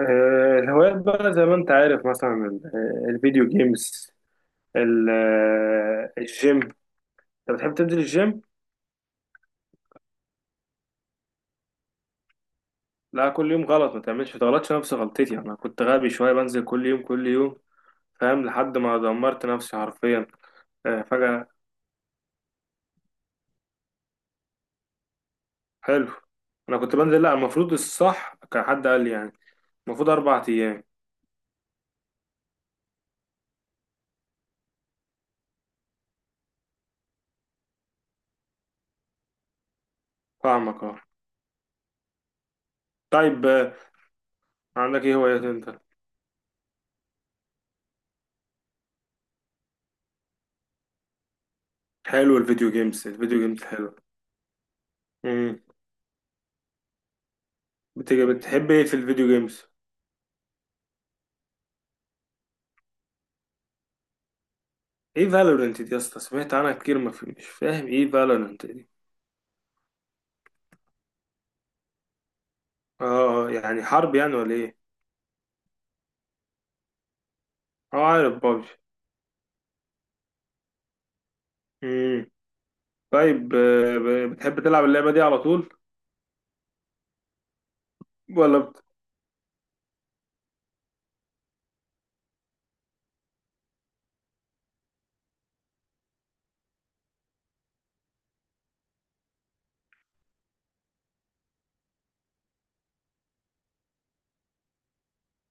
الهوايات بقى زي ما انت عارف مثلا الفيديو جيمز. الجيم. انت بتحب تنزل الجيم؟ لا، كل يوم غلط، ما تعملش ما تغلطش نفس غلطتي. انا كنت غبي شويه، بنزل كل يوم كل يوم فاهم، لحد ما دمرت نفسي حرفيا. فجاه. حلو. انا كنت بنزل، لا المفروض الصح كان حد قال لي يعني المفروض 4 ايام. فاهمك اه. طيب، عندك ايه هوايات انت؟ حلو الفيديو جيمز حلو. امم. بتحب ايه في الفيديو جيمز؟ ايه فالورنت دي يا اسطى؟ سمعت عنها كتير ما في، مش فاهم ايه فالورنت دي. اه، يعني حرب يعني ولا ايه؟ اه عارف بابجي. امم. طيب، بتحب تلعب اللعبه دي على طول؟ ولا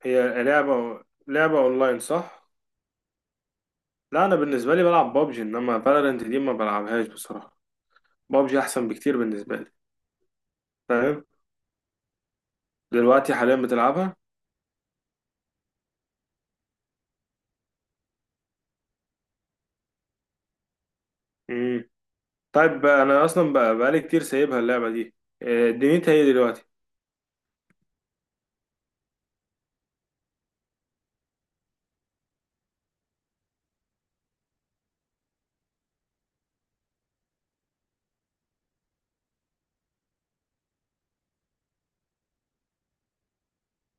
هي لعبه اونلاين صح؟ لا انا بالنسبه لي بلعب بابجي، انما فالورنت دي ما بلعبهاش بصراحه. بابجي احسن بكتير بالنسبه لي. فاهم. دلوقتي حاليا بتلعبها؟ امم. طيب انا اصلا بقى بقالي كتير سايبها اللعبه دي. دنيتها ايه دلوقتي؟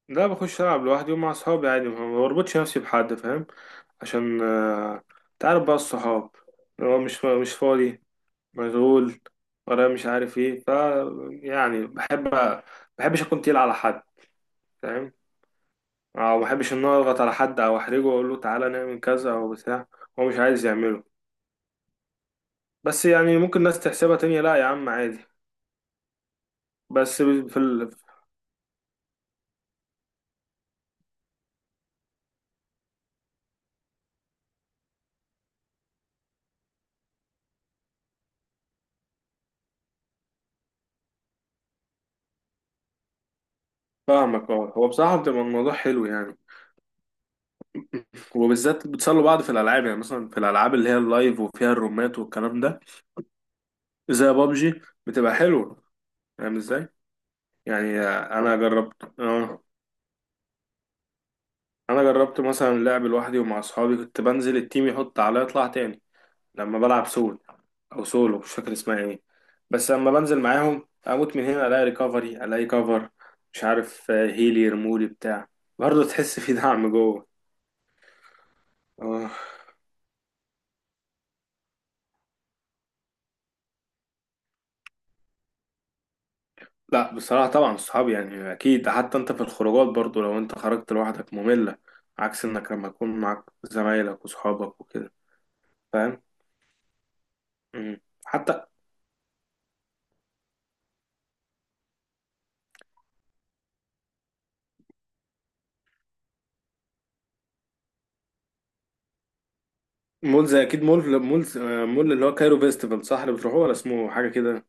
لا بخش ألعب لوحدي ومع صحابي عادي، ما بربطش نفسي بحد، فاهم. عشان تعرف بقى الصحاب اللي هو مش فاضي، مشغول، ورايا مش عارف ايه، ف يعني بحب، بحبش اكون تقيل على حد، فاهم. او بحبش ان أنا اضغط على حد او احرجه واقول له تعالى نعمل كذا او بتاع، هو مش عايز يعمله. بس يعني ممكن ناس تحسبها تانية، لا يا عم عادي. بس في فاهمك اه. هو بصراحة بتبقى الموضوع حلو يعني. وبالذات بتسلوا بعض في الالعاب، يعني مثلا في الالعاب اللي هي اللايف وفيها الرومات والكلام ده زي بابجي، بتبقى حلوه. فاهم ازاي؟ يعني انا جربت اه. انا جربت مثلا لعب لوحدي ومع اصحابي، كنت بنزل التيم يحط عليا اطلع تاني لما بلعب سول، او سولو مش فاكر اسمها ايه. بس لما بنزل معاهم اموت من هنا الاقي ريكفري، الاقي كفر، مش عارف هيلي يرمولي بتاع. برضه تحس في دعم جوه. اه. لا بصراحة طبعا الصحاب يعني أكيد، حتى أنت في الخروجات برضو لو أنت خرجت لوحدك مملة، عكس إنك لما تكون معاك زمايلك وصحابك وكده. فاهم. مم. حتى مول، زي أكيد مول، مول اللي هو كايرو فيستيفال صح؟ اللي بتروحوه ولا اسمه حاجة كده؟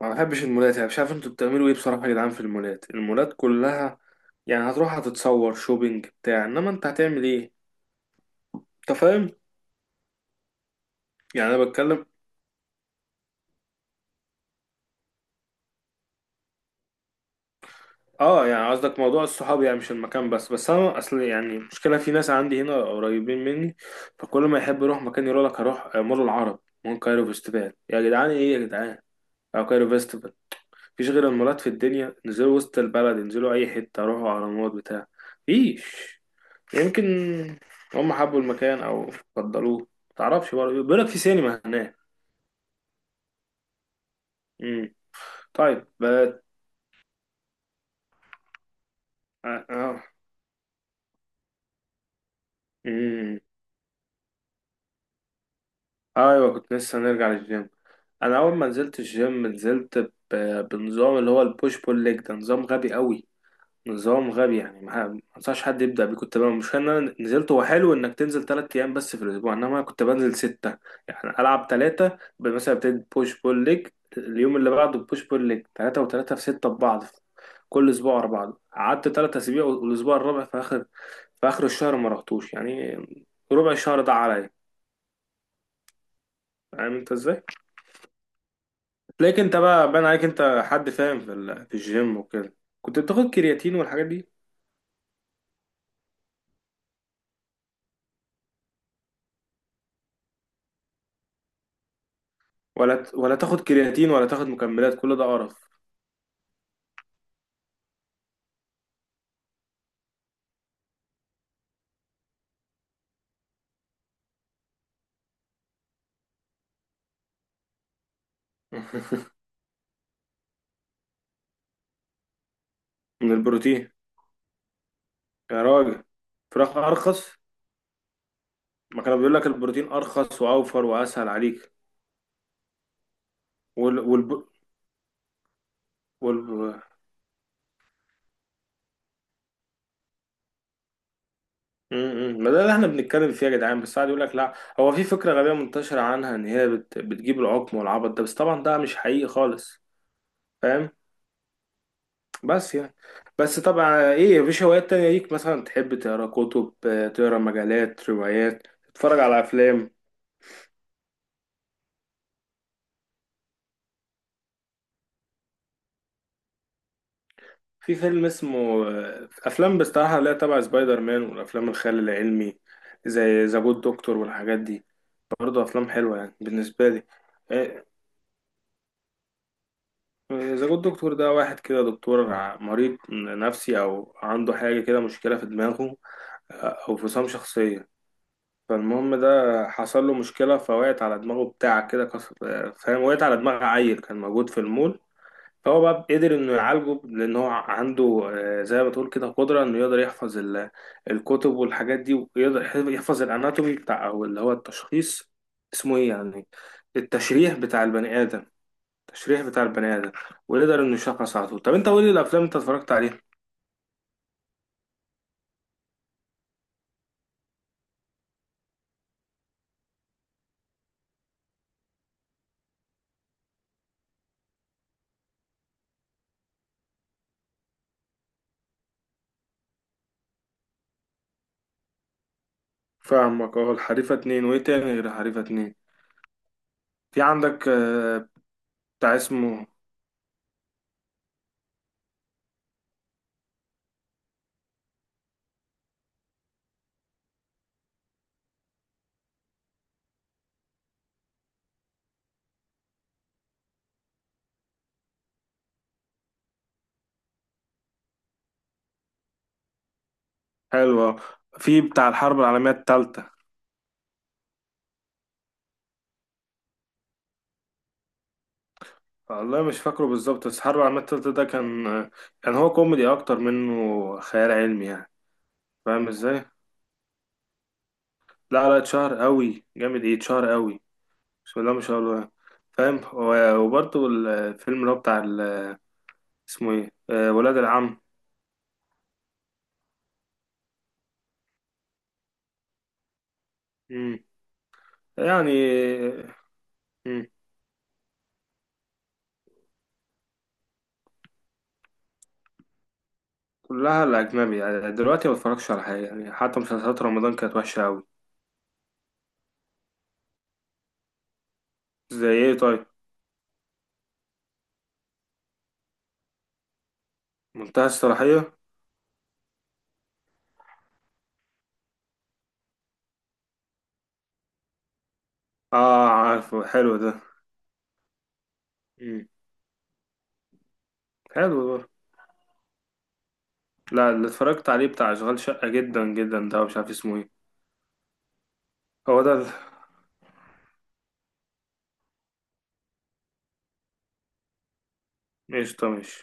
ما بحبش المولات يعني، مش عارف أنتوا بتعملوا إيه بصراحة يا جدعان في المولات. المولات كلها يعني هتروح هتتصور شوبينج بتاع، إنما أنت هتعمل إيه؟ أنت فاهم؟ يعني أنا بتكلم. اه يعني قصدك موضوع الصحاب يعني مش المكان بس. بس انا اصل يعني المشكله في ناس عندي هنا قريبين مني، فكل ما يحب يروح مكان يقول لك هروح مول العرب، مول كايرو فيستيفال. يا جدعان ايه يا جدعان، او كايرو فيستيفال؟ مفيش غير المولات في الدنيا؟ انزلوا وسط البلد، انزلوا اي حته، روحوا اهرامات بتاع. مفيش. يمكن هم حبوا المكان او فضلوه، متعرفش. برضه بيقول لك في سينما هناك. امم. طيب بقى. اه. آه. مم. ايوه كنت لسه هنرجع للجيم. انا اول ما نزلت الجيم نزلت بنظام اللي هو البوش بول ليج. ده نظام غبي قوي. نظام غبي، يعني ما انصحش حد يبدا بيه. كنت بقى، مش ان انا نزلت، هو حلو انك تنزل 3 ايام بس في الاسبوع انما كنت بنزل 6. يعني العب 3 مثلا ابتدي بوش بول ليج، اليوم اللي بعده بوش بول ليج، 3 و3 في 6 ببعض. كل اسبوع ورا بعض. قعدت 3 اسابيع، والاسبوع الرابع في اخر، في اخر الشهر ما رحتوش يعني. ربع الشهر ده عليا. فاهم انت ازاي؟ لكن انت بقى باين عليك انت حد فاهم في الجيم وكده. كنت بتاخد كرياتين والحاجات دي؟ ولا تاخد كرياتين، ولا تاخد مكملات، كل ده قرف. من البروتين. يا راجل، فراخ ارخص؟ ما كانوا بيقول لك البروتين ارخص واوفر واسهل عليك. وال والب... وال م- م. ما ده اللي احنا بنتكلم فيه يا جدعان بس قاعد يقول لك لا. هو في فكره غبيه منتشره عنها ان هي بتجيب العقم والعبط ده، بس طبعا ده مش حقيقي خالص. فاهم. بس يعني، بس طبعا ايه مفيش هوايات تانية ليك؟ مثلا تحب تقرا كتب، تقرا مجلات، روايات، تتفرج على افلام؟ في فيلم اسمه، افلام بصراحة لا تبع سبايدر مان والافلام الخيال العلمي زي ذا جود دكتور والحاجات دي. برضه افلام حلوة يعني بالنسبة لي. آه، ذا جود دكتور ده واحد كده دكتور مريض نفسي او عنده حاجة كده، مشكلة في دماغه، او فصام شخصية. فالمهم ده حصل له مشكلة، فوقعت على دماغه بتاع كده كسر. فاهم، وقعت على دماغ عيل كان موجود في المول، فهو بقى قدر انه يعالجه لان هو عنده زي ما تقول كده قدرة انه يقدر يحفظ الكتب والحاجات دي، ويقدر يحفظ الاناتومي بتاع او اللي هو التشخيص، اسمه ايه يعني، التشريح بتاع البني ادم التشريح بتاع البني ادم. ويقدر انه يشخص على طول. طب انت قول لي الافلام انت اتفرجت عليها. فاهمك اه. الحريفة 2 وايه تاني غير الحريفة 2؟ في عندك بتاع اسمه؟ حلوة. في بتاع الحرب العالمية التالتة. والله مش فاكره بالظبط، بس الحرب العالمية التالتة ده كان، كان هو كوميدي أكتر منه خيال علمي يعني. فاهم ازاي؟ لا اتشهر قوي جامد ايه، اتشهر قوي. بسم الله ما شاء الله. فاهم. وبرضه الفيلم اللي هو بتاع اسمه ايه؟ ولاد العم. مم. يعني. مم. كلها الأجنبي يعني، دلوقتي ما بتفرجش على حاجة يعني، حتى مسلسلات رمضان كانت وحشة قوي. زي ايه طيب؟ منتهى الصلاحية؟ اه عارفه حلو ده. حلو ده. لا، اللي اتفرجت عليه بتاع اشغال شقة جدا جدا ده مش عارف اسمه ايه. هو ده ايش ده؟ ماشي.